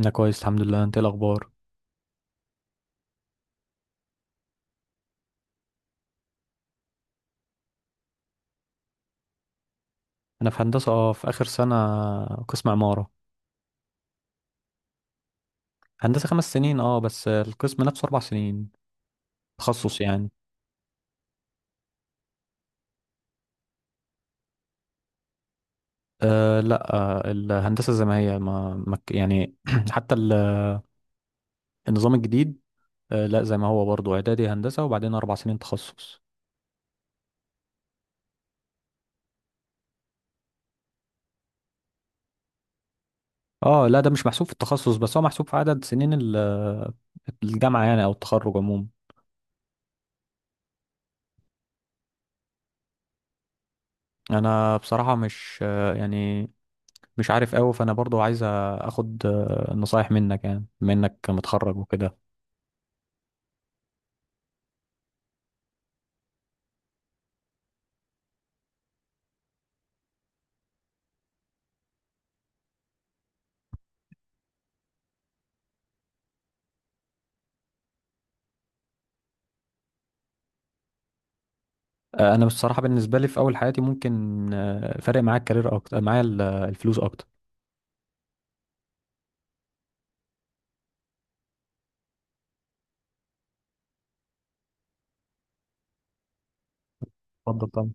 انا كويس الحمد لله. انت إيه الاخبار؟ انا في هندسه، في اخر سنه. قسم عماره. هندسه خمس سنين، بس القسم نفسه اربع سنين، تخصص يعني. آه، لا، الهندسه زي ما هي، ما ما ك- يعني حتى النظام الجديد. آه، لا، زي ما هو برضه، اعدادي هندسه وبعدين اربع سنين تخصص. اه، لا، ده مش محسوب في التخصص، بس هو محسوب في عدد سنين الجامعه يعني، او التخرج عموما. انا بصراحه مش، يعني مش عارف قوي. فانا برضو عايز اخد نصايح منك، يعني بما انك متخرج وكده. انا بصراحه بالنسبه لي في اول حياتي ممكن فارق معايا الكارير اكتر، معايا الفلوس اكتر. اتفضل طبعا.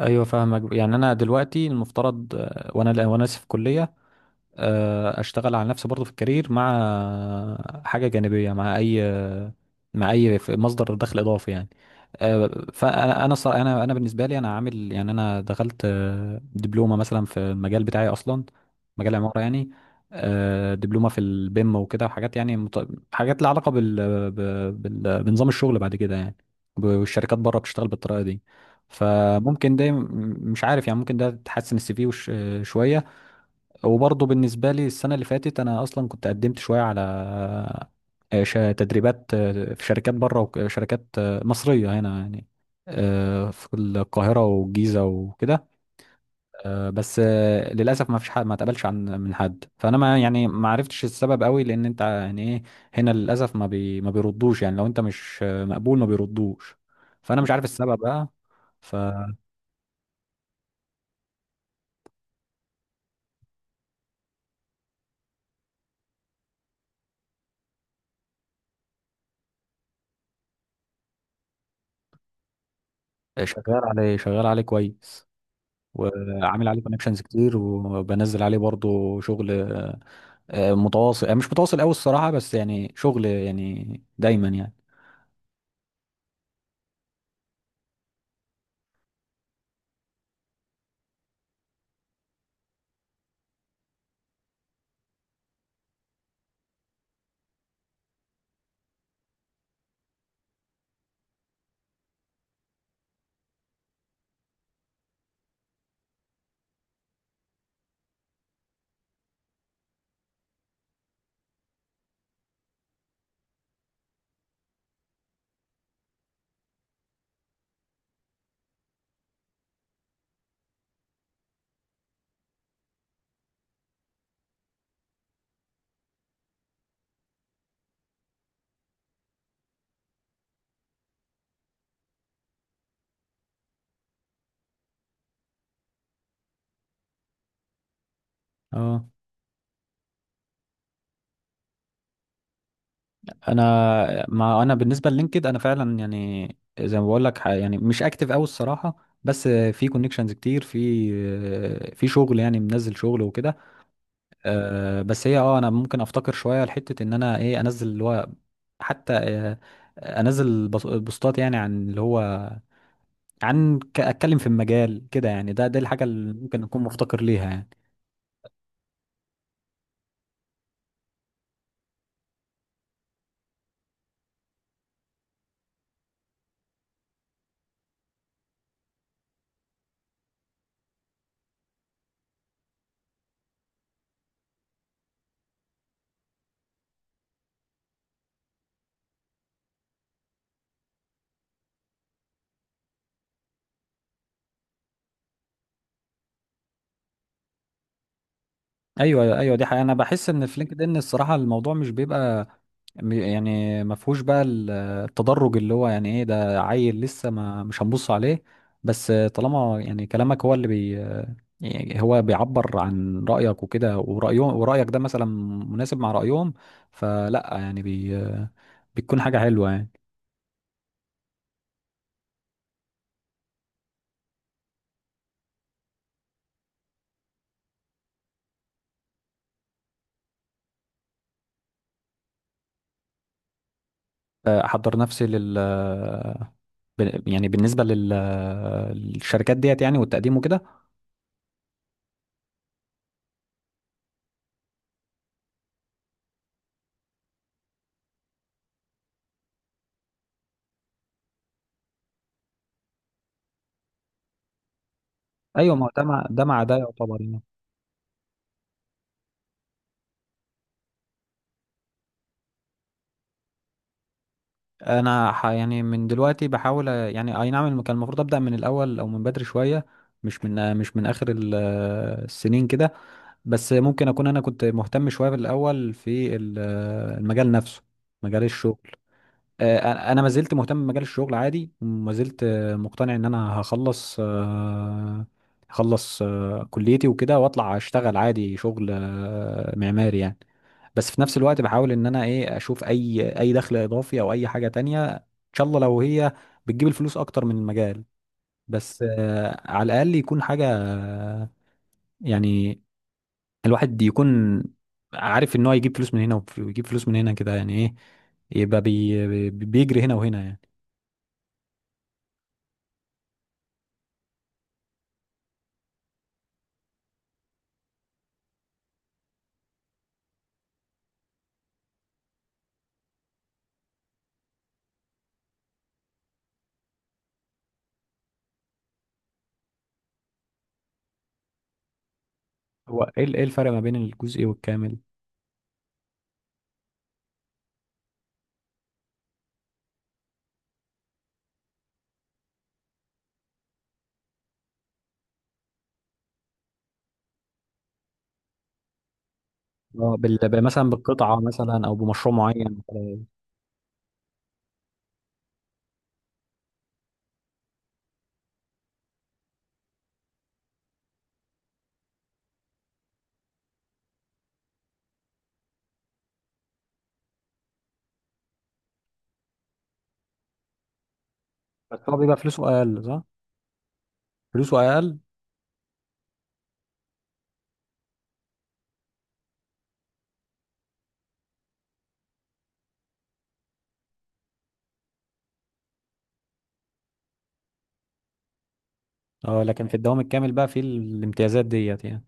ايوه، فاهمك. يعني انا دلوقتي المفترض، وانا لسه في كليه. اشتغل على نفسي برضو في الكارير، مع حاجه جانبيه، مع اي، مصدر دخل اضافي يعني. آه، فانا انا ص- انا انا بالنسبه لي انا عامل، يعني انا دخلت دبلومه مثلا في المجال بتاعي اصلا. مجال العماره يعني. دبلومه في البيم وكده، وحاجات يعني، حاجات لها علاقه بنظام الشغل بعد كده يعني. والشركات بره بتشتغل بالطريقه دي. فممكن ده، مش عارف، يعني ممكن ده تحسن السي في شويه. وبرضه بالنسبة لي السنة اللي فاتت أنا أصلا كنت قدمت شوية على تدريبات، في شركات بره وشركات مصرية هنا يعني، في القاهرة والجيزة وكده. بس للأسف ما فيش حد ما اتقبلش من حد. فأنا ما عرفتش السبب قوي، لأن أنت يعني إيه؟ هنا للأسف ما بيردوش، يعني لو أنت مش مقبول ما بيردوش. فأنا مش عارف السبب بقى. فشغال عليه، شغال عليه كويس. وعامل عليه كونكشنز كتير، وبنزل عليه برضو شغل، متواصل، مش متواصل قوي الصراحة، بس يعني شغل، يعني دايما يعني. اه، ما انا بالنسبة للينكد انا فعلا يعني، زي ما بقول لك، يعني مش اكتف قوي الصراحة. بس في كونكشنز كتير، في شغل، يعني منزل شغل وكده. بس هي اه انا ممكن افتكر شوية لحتة، ان انا ايه، انزل اللي هو حتى، انزل بوستات يعني، عن اللي هو، اتكلم في المجال كده يعني. ده الحاجه اللي ممكن اكون مفتقر ليها يعني. ايوه، ايوه، دي حقيقة. انا بحس ان في لينكد ان الصراحه الموضوع مش بيبقى، يعني ما فيهوش بقى التدرج، اللي هو يعني ايه، ده عيل لسه، ما مش هنبص عليه. بس طالما يعني كلامك هو اللي يعني هو بيعبر عن رايك وكده، ورايهم، ورايك ده مثلا مناسب مع رايهم، فلا يعني بتكون حاجه حلوه يعني. احضر نفسي يعني بالنسبة للشركات ديت يعني، والتقديم وكده. ايوه، ما هو ده مع ده مع ده يعتبر يعني. انا، يعني من دلوقتي بحاول، يعني، اي نعم، كان المفروض ابدا من الاول او من بدري شوية، مش من اخر السنين كده. بس ممكن اكون انا كنت مهتم شوية في الاول، في المجال نفسه. مجال الشغل. انا ما زلت مهتم بمجال الشغل عادي، وما زلت مقتنع ان انا هخلص كليتي وكده، واطلع اشتغل عادي شغل معماري يعني. بس في نفس الوقت بحاول ان انا ايه، اشوف اي دخل اضافي، او اي حاجة تانية، ان شاء الله لو هي بتجيب الفلوس اكتر من المجال. بس على الاقل يكون حاجة، يعني الواحد يكون عارف ان هو يجيب فلوس من هنا ويجيب فلوس من هنا، كده يعني ايه، يبقى بيجري هنا وهنا يعني. هو إيه الفرق ما بين الجزء والكامل؟ اه، مثلا بالقطعة، مثلا او بمشروع معين مثلاً. بس هو بيبقى فلوسه اقل، صح؟ فلوسه اقل. اه، لكن في الدوام الكامل بقى في الامتيازات ديت يعني.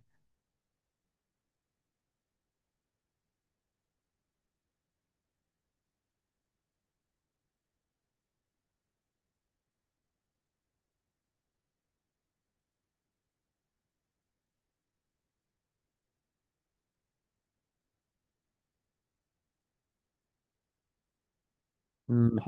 أمم.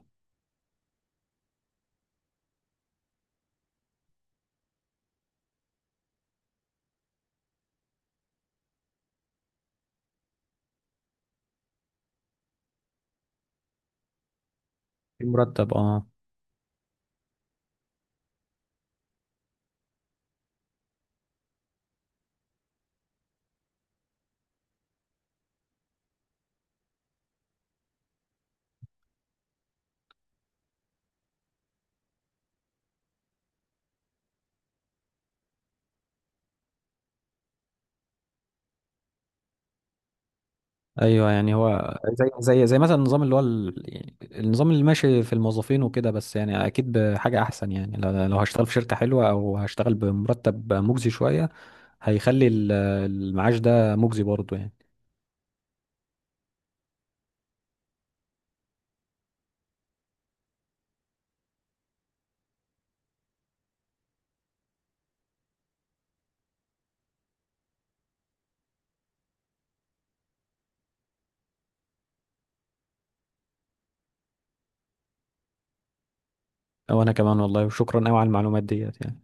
في مرتب، اه. ايوه، يعني هو زي مثلا النظام اللي هو يعني النظام اللي ماشي في الموظفين وكده، بس يعني اكيد بحاجة احسن يعني، لو هشتغل في شركة حلوة، او هشتغل بمرتب مجزي شوية، هيخلي المعاش ده مجزي برضه يعني. وانا كمان والله. وشكرا قوي على المعلومات ديت يعني.